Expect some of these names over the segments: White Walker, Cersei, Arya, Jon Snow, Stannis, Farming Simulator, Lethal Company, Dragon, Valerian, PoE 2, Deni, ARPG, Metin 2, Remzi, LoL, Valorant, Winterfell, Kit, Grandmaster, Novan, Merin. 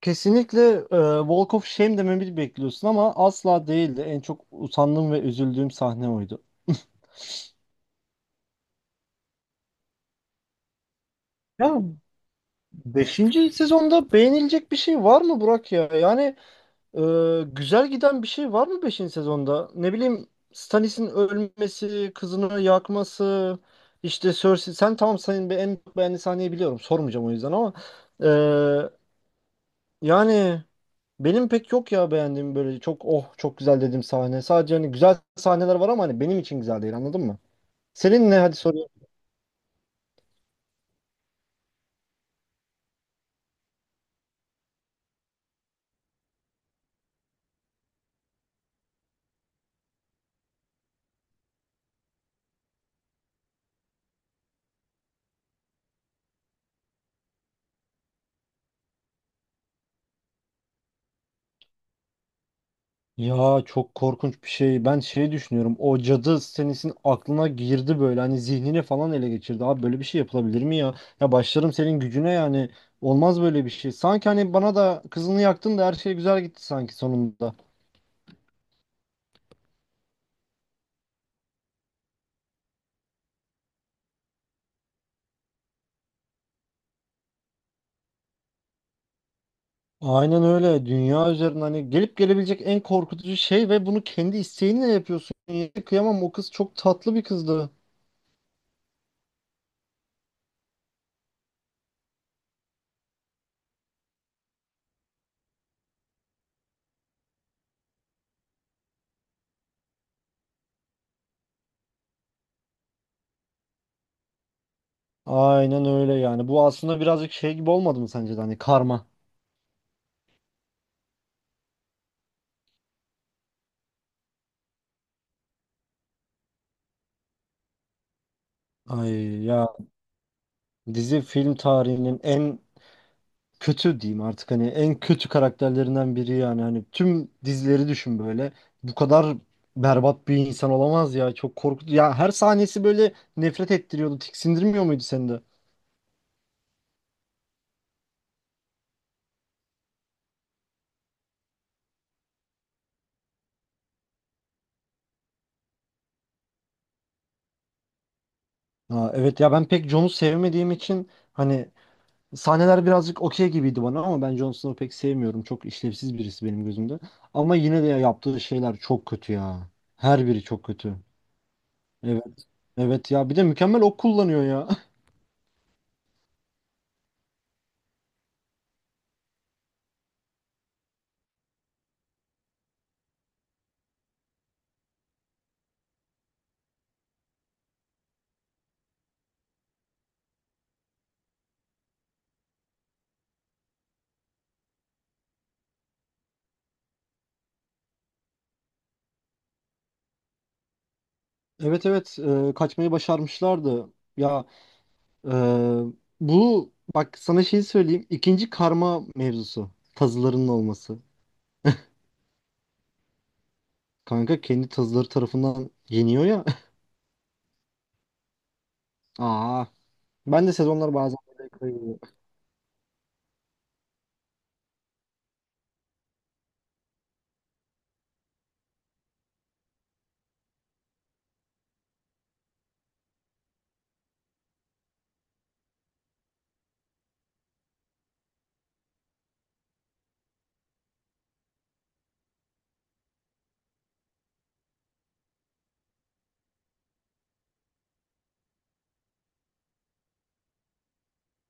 Kesinlikle Walk of Shame dememi bekliyorsun ama asla değildi. En çok utandığım ve üzüldüğüm sahne oydu. Ya beşinci sezonda beğenilecek bir şey var mı Burak ya? E, Güzel giden bir şey var mı beşinci sezonda? Ne bileyim Stannis'in ölmesi, kızını yakması, işte Cersei. Sen tamam senin en beğendiğin sahneyi biliyorum. Sormayacağım o yüzden ama e, yani benim pek yok ya beğendiğim böyle çok oh çok güzel dediğim sahne. Sadece hani güzel sahneler var ama hani benim için güzel değil anladın mı? Senin ne, hadi sorayım. Ya çok korkunç bir şey. Ben şey düşünüyorum. O cadı senesin aklına girdi böyle. Hani zihnini falan ele geçirdi. Abi böyle bir şey yapılabilir mi ya? Ya başlarım senin gücüne yani. Olmaz böyle bir şey. Sanki hani bana da kızını yaktın da her şey güzel gitti sanki sonunda. Aynen öyle. Dünya üzerinde hani gelip gelebilecek en korkutucu şey ve bunu kendi isteğinle yapıyorsun. Yani kıyamam, o kız çok tatlı bir kızdı. Aynen öyle yani. Bu aslında birazcık şey gibi olmadı mı sence de, hani karma. Ay ya, dizi film tarihinin en kötü diyeyim artık, hani en kötü karakterlerinden biri yani. Hani tüm dizileri düşün böyle. Bu kadar berbat bir insan olamaz ya. Çok korkutucu. Ya her sahnesi böyle nefret ettiriyordu. Tiksindirmiyor muydu seni de? Ha, evet ya, ben pek Jones'u sevmediğim için hani sahneler birazcık okey gibiydi bana, ama ben Jon Snow'u pek sevmiyorum. Çok işlevsiz birisi benim gözümde. Ama yine de ya, yaptığı şeyler çok kötü ya. Her biri çok kötü. Evet. Evet ya, bir de mükemmel ok kullanıyor ya. Evet, evet, kaçmayı başarmışlardı. Ya e, Bu bak, sana şeyi söyleyeyim. İkinci karma mevzusu. Tazılarının olması. Kanka kendi tazıları tarafından yeniyor ya. Aa, ben de sezonlar bazen böyle kayıyor.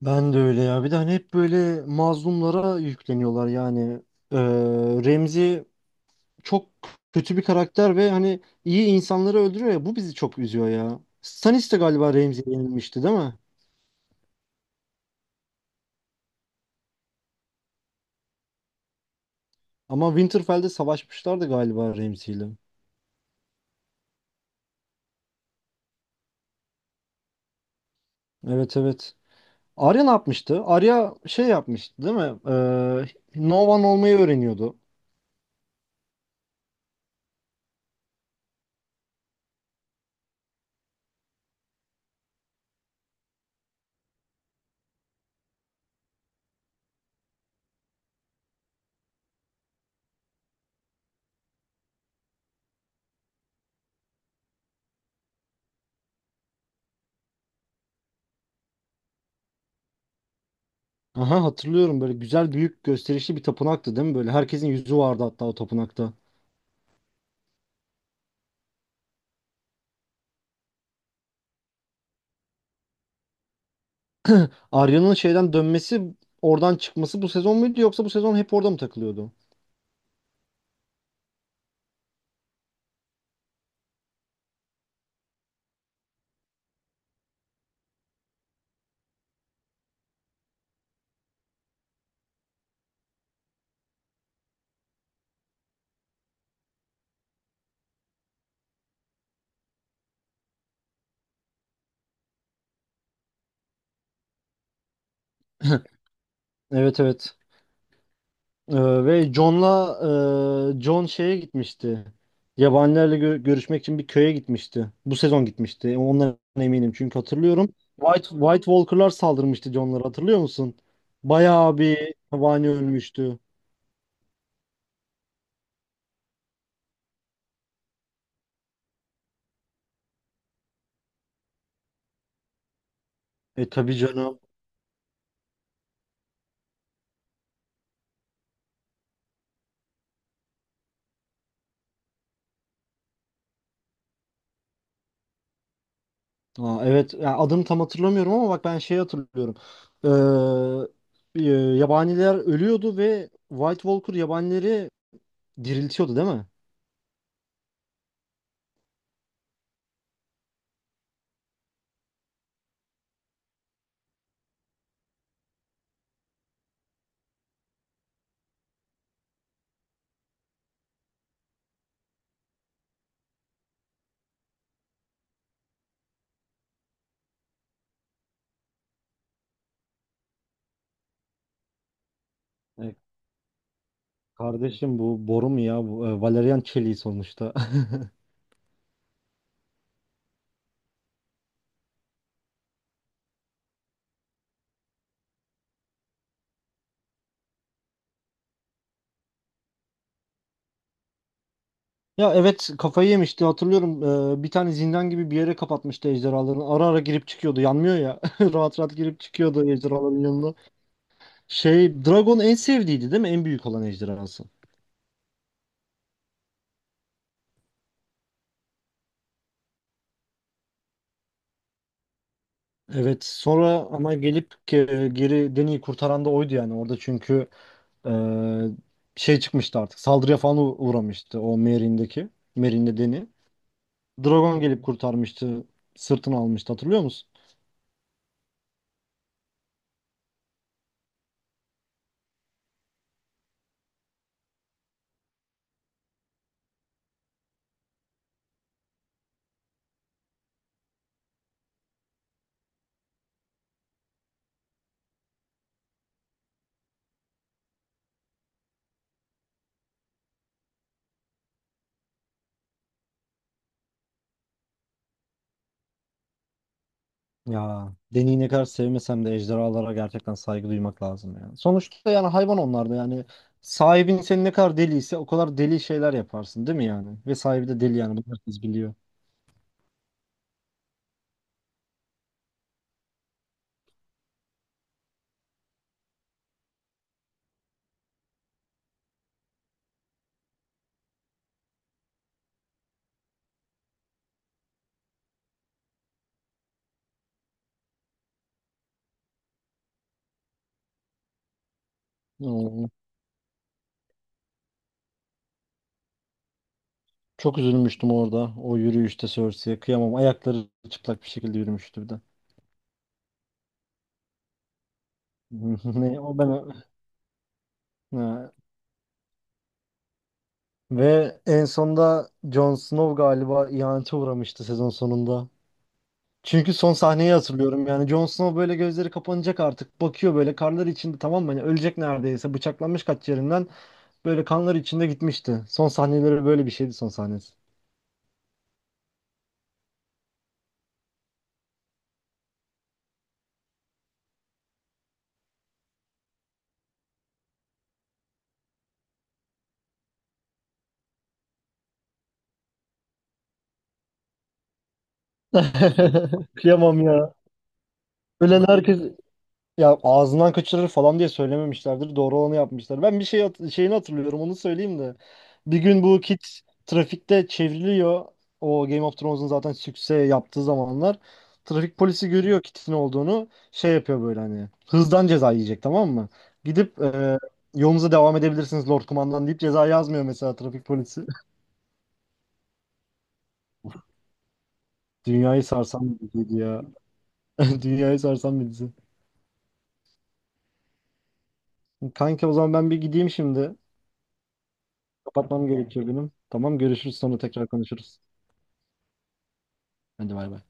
Ben de öyle ya. Bir de hani hep böyle mazlumlara yükleniyorlar yani. Ee, Remzi çok kötü bir karakter ve hani iyi insanları öldürüyor ya. Bu bizi çok üzüyor ya. Stannis de galiba Remzi'ye yenilmişti değil mi? Ama Winterfell'de savaşmışlardı galiba Remzi'yle. Evet, evet. Arya ne yapmıştı? Arya şey yapmıştı değil mi? Novan olmayı öğreniyordu. Aha, hatırlıyorum, böyle güzel büyük gösterişli bir tapınaktı değil mi? Böyle herkesin yüzü vardı hatta o tapınakta. Arya'nın şeyden dönmesi, oradan çıkması bu sezon muydu, yoksa bu sezon hep orada mı takılıyordu? Evet, evet. Ve John'la John şeye gitmişti. Yabanilerle görüşmek için bir köye gitmişti. Bu sezon gitmişti. E, Ondan eminim çünkü hatırlıyorum. White Walker'lar saldırmıştı John'lara, hatırlıyor musun? Bayağı bir yabani ölmüştü. E tabii canım. Aa, evet ya, adını tam hatırlamıyorum ama bak ben şeyi hatırlıyorum. Ee, e, Yabaniler ölüyordu ve White Walker yabanileri diriltiyordu değil mi? E, Kardeşim bu boru mu ya? Bu, Valerian çeliği sonuçta. Ya evet, kafayı yemişti hatırlıyorum. Bir tane zindan gibi bir yere kapatmıştı ejderhalarını. Ara ara girip çıkıyordu. Yanmıyor ya. Rahat rahat girip çıkıyordu ejderhaların yanına. Şey Dragon en sevdiğiydi değil mi? En büyük olan ejderhası. Evet, sonra ama gelip geri Deni'yi kurtaran da oydu yani orada. Çünkü e, şey çıkmıştı, artık saldırıya falan uğramıştı o Merin'de Deni. Dragon gelip kurtarmıştı, sırtını almıştı, hatırlıyor musun? Ya Deni'yi ne kadar sevmesem de ejderhalara gerçekten saygı duymak lazım yani. Sonuçta yani hayvan onlar da yani, sahibin seni ne kadar deliyse o kadar deli şeyler yaparsın değil mi yani? Ve sahibi de deli yani, bunu herkes biliyor. Çok üzülmüştüm orada. O yürüyüşte Cersei'ye kıyamam. Ayakları çıplak bir şekilde yürümüştü bir de. Ne o ben. Ha. Ve en sonda Jon Snow galiba ihanete uğramıştı sezon sonunda. Çünkü son sahneyi hatırlıyorum. Yani Jon Snow böyle, gözleri kapanacak artık. Bakıyor böyle karlar içinde, tamam mı? Hani ölecek neredeyse. Bıçaklanmış kaç yerinden. Böyle kanlar içinde gitmişti. Son sahneleri böyle bir şeydi, son sahnesi. Kıyamam ya. Ölen herkes. Ya ağzından kaçırır falan diye söylememişlerdir. Doğru olanı yapmışlar. Ben bir şey şeyini hatırlıyorum. Onu söyleyeyim de. Bir gün bu Kit trafikte çevriliyor. O Game of Thrones'un zaten sükse yaptığı zamanlar. Trafik polisi görüyor Kit'in olduğunu. Şey yapıyor böyle hani. Hızdan ceza yiyecek, tamam mı? Gidip yolunuza devam edebilirsiniz Lord Kumandan deyip ceza yazmıyor mesela trafik polisi. Dünyayı sarsan bir diziydi ya. Dünyayı sarsan bir dizi. Kanka o zaman ben bir gideyim şimdi. Kapatmam gerekiyor benim. Tamam, görüşürüz, sonra tekrar konuşuruz. Hadi bay bay.